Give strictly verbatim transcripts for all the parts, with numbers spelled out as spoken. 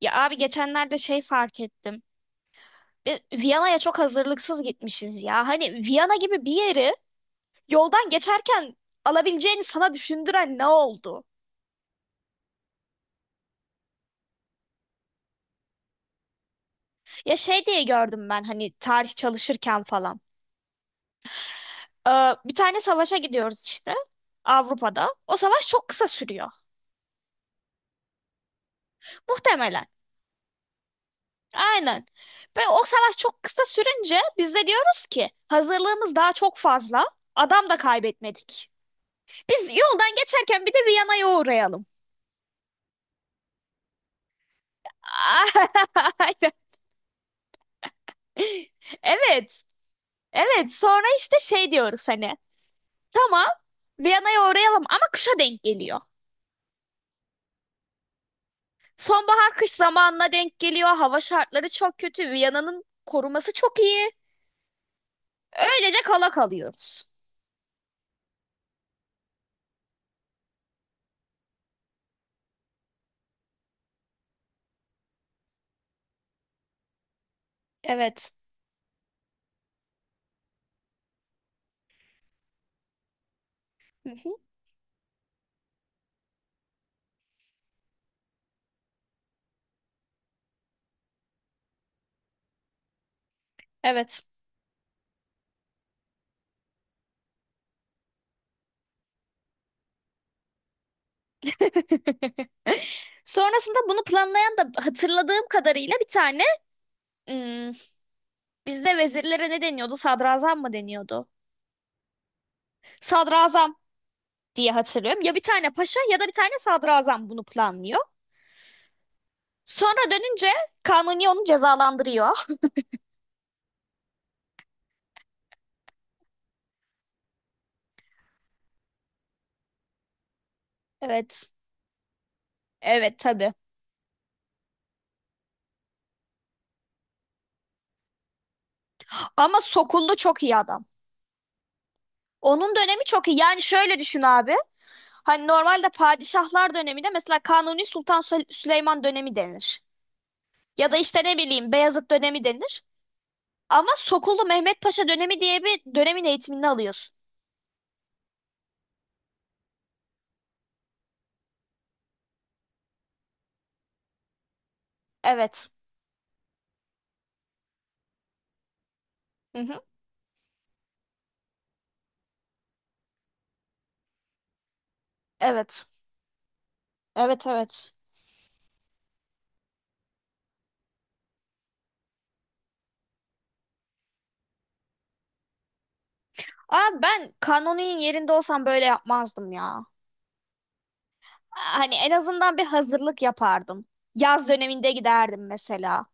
Ya abi geçenlerde şey fark ettim. Biz Viyana'ya çok hazırlıksız gitmişiz ya. Hani Viyana gibi bir yeri yoldan geçerken alabileceğini sana düşündüren ne oldu? Ya şey diye gördüm ben hani tarih çalışırken falan. Ee, bir tane savaşa gidiyoruz işte Avrupa'da. O savaş çok kısa sürüyor. Muhtemelen. Aynen. Ve o savaş çok kısa sürünce biz de diyoruz ki hazırlığımız daha çok fazla. Adam da kaybetmedik. Biz yoldan geçerken bir de Viyana'ya uğrayalım. Aynen. Evet. Evet. Sonra işte şey diyoruz hani. Tamam. Viyana'ya uğrayalım ama kışa denk geliyor. Sonbahar kış zamanına denk geliyor. Hava şartları çok kötü. Viyana'nın koruması çok iyi. Öylece kala kalıyoruz. Evet. Hı hı, evet. Sonrasında bunu planlayan da hatırladığım kadarıyla bir tane hmm, bizde vezirlere ne deniyordu? Sadrazam mı deniyordu? Sadrazam diye hatırlıyorum. Ya bir tane paşa ya da bir tane sadrazam bunu planlıyor. Sonra dönünce Kanuni onu cezalandırıyor. Evet. Evet tabii. Ama Sokullu çok iyi adam. Onun dönemi çok iyi. Yani şöyle düşün abi. Hani normalde padişahlar döneminde mesela Kanuni Sultan Sü- Süleyman dönemi denir. Ya da işte ne bileyim Beyazıt dönemi denir. Ama Sokullu Mehmet Paşa dönemi diye bir dönemin eğitimini alıyorsun. Evet. Hı hı. Evet. Evet, evet. Aa, ben Kanuni'nin yerinde olsam böyle yapmazdım ya. Hani en azından bir hazırlık yapardım. Yaz döneminde giderdim mesela.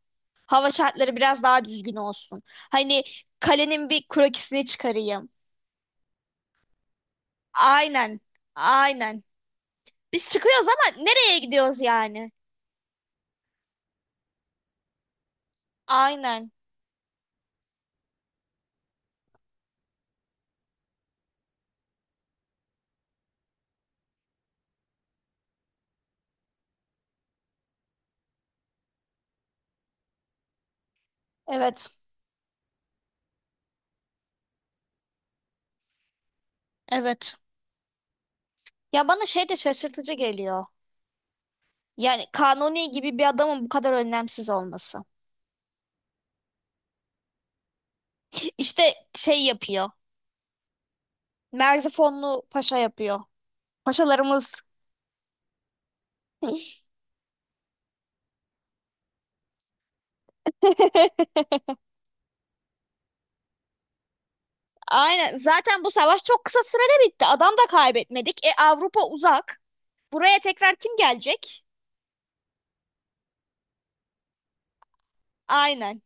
Hava şartları biraz daha düzgün olsun. Hani kalenin bir krokisini çıkarayım. Aynen. Aynen. Biz çıkıyoruz ama nereye gidiyoruz yani? Aynen. Evet. Evet. Ya bana şey de şaşırtıcı geliyor. Yani Kanuni gibi bir adamın bu kadar önlemsiz olması. İşte şey yapıyor. Merzifonlu paşa yapıyor. Paşalarımız aynen. Zaten bu savaş çok kısa sürede bitti. Adam da kaybetmedik. E Avrupa uzak. Buraya tekrar kim gelecek? Aynen.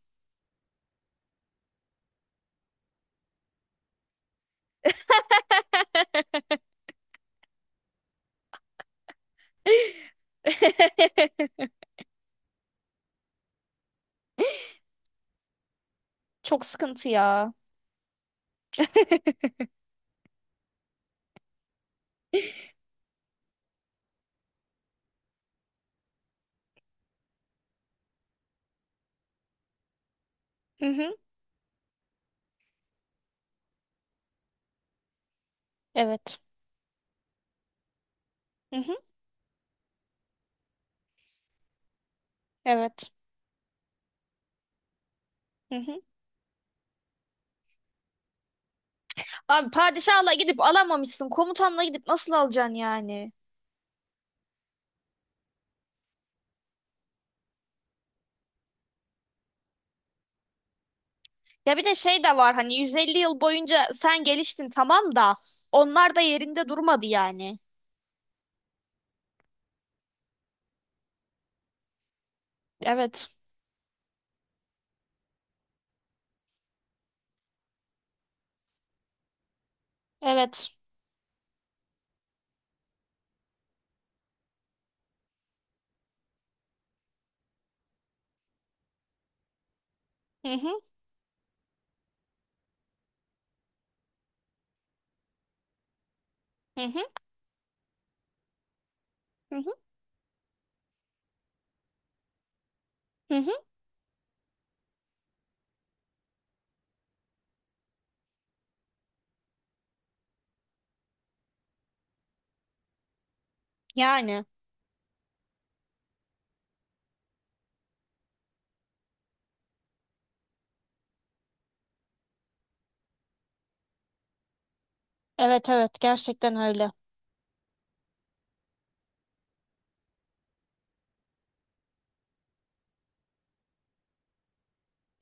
Çok sıkıntı ya. Hı hı. Evet. Hı hı. Evet. Hı hı. Abi padişahla gidip alamamışsın. Komutanla gidip nasıl alacaksın yani? Ya bir de şey de var hani yüz elli yıl boyunca sen geliştin tamam da onlar da yerinde durmadı yani. Evet. Evet. Hı hı. Hı hı. Hı hı. Hı hı. Yani. Evet, evet gerçekten öyle.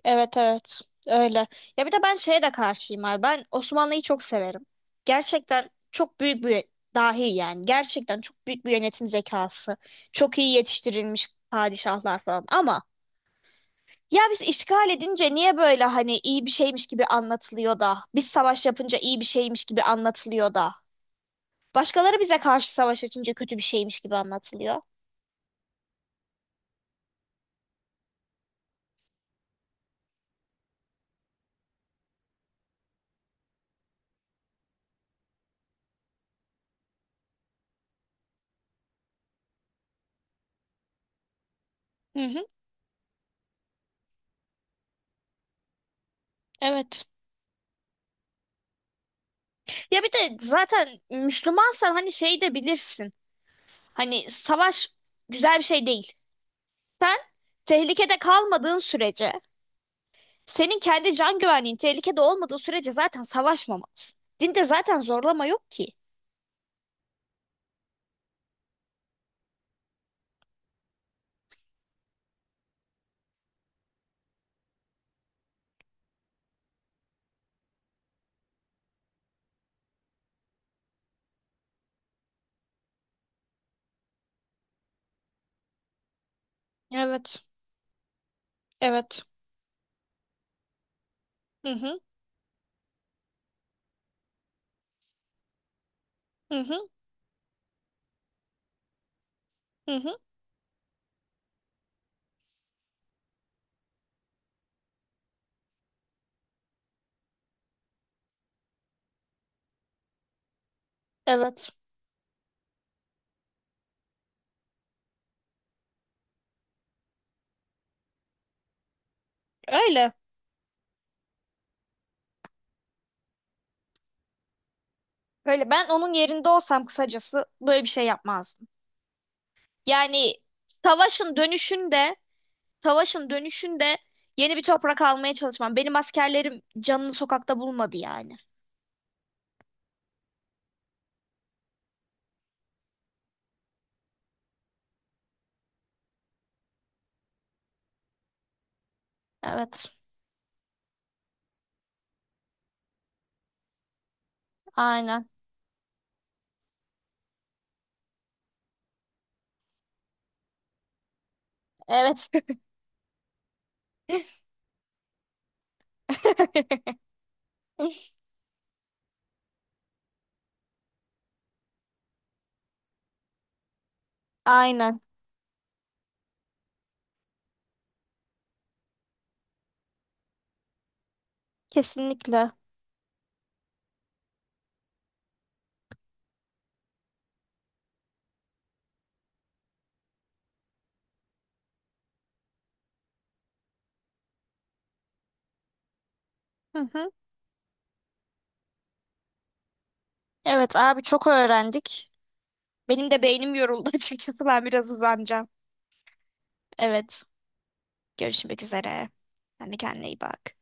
Evet, evet öyle. Ya bir de ben şeye de karşıyım abi. Ben Osmanlı'yı çok severim. Gerçekten çok büyük bir dahi yani. Gerçekten çok büyük bir yönetim zekası. Çok iyi yetiştirilmiş padişahlar falan. Ama ya biz işgal edince niye böyle hani iyi bir şeymiş gibi anlatılıyor da. Biz savaş yapınca iyi bir şeymiş gibi anlatılıyor da. Başkaları bize karşı savaş açınca kötü bir şeymiş gibi anlatılıyor. Hı hı, evet. Ya bir de zaten Müslümansan hani şey de bilirsin. Hani savaş güzel bir şey değil. Sen tehlikede kalmadığın sürece, senin kendi can güvenliğin tehlikede olmadığı sürece zaten savaşmamalısın. Dinde zaten zorlama yok ki. Evet. Evet. Hı hı. Hı hı. Hı hı. Evet. Öyle. Öyle, ben onun yerinde olsam kısacası böyle bir şey yapmazdım. Yani savaşın dönüşünde, savaşın dönüşünde yeni bir toprak almaya çalışmam. Benim askerlerim canını sokakta bulmadı yani. Evet. Aynen. Evet. Aynen. Kesinlikle. Hı hı. Evet abi çok öğrendik. Benim de beynim yoruldu açıkçası. Ben biraz uzanacağım. Evet. Görüşmek üzere. Sen de kendine iyi bak.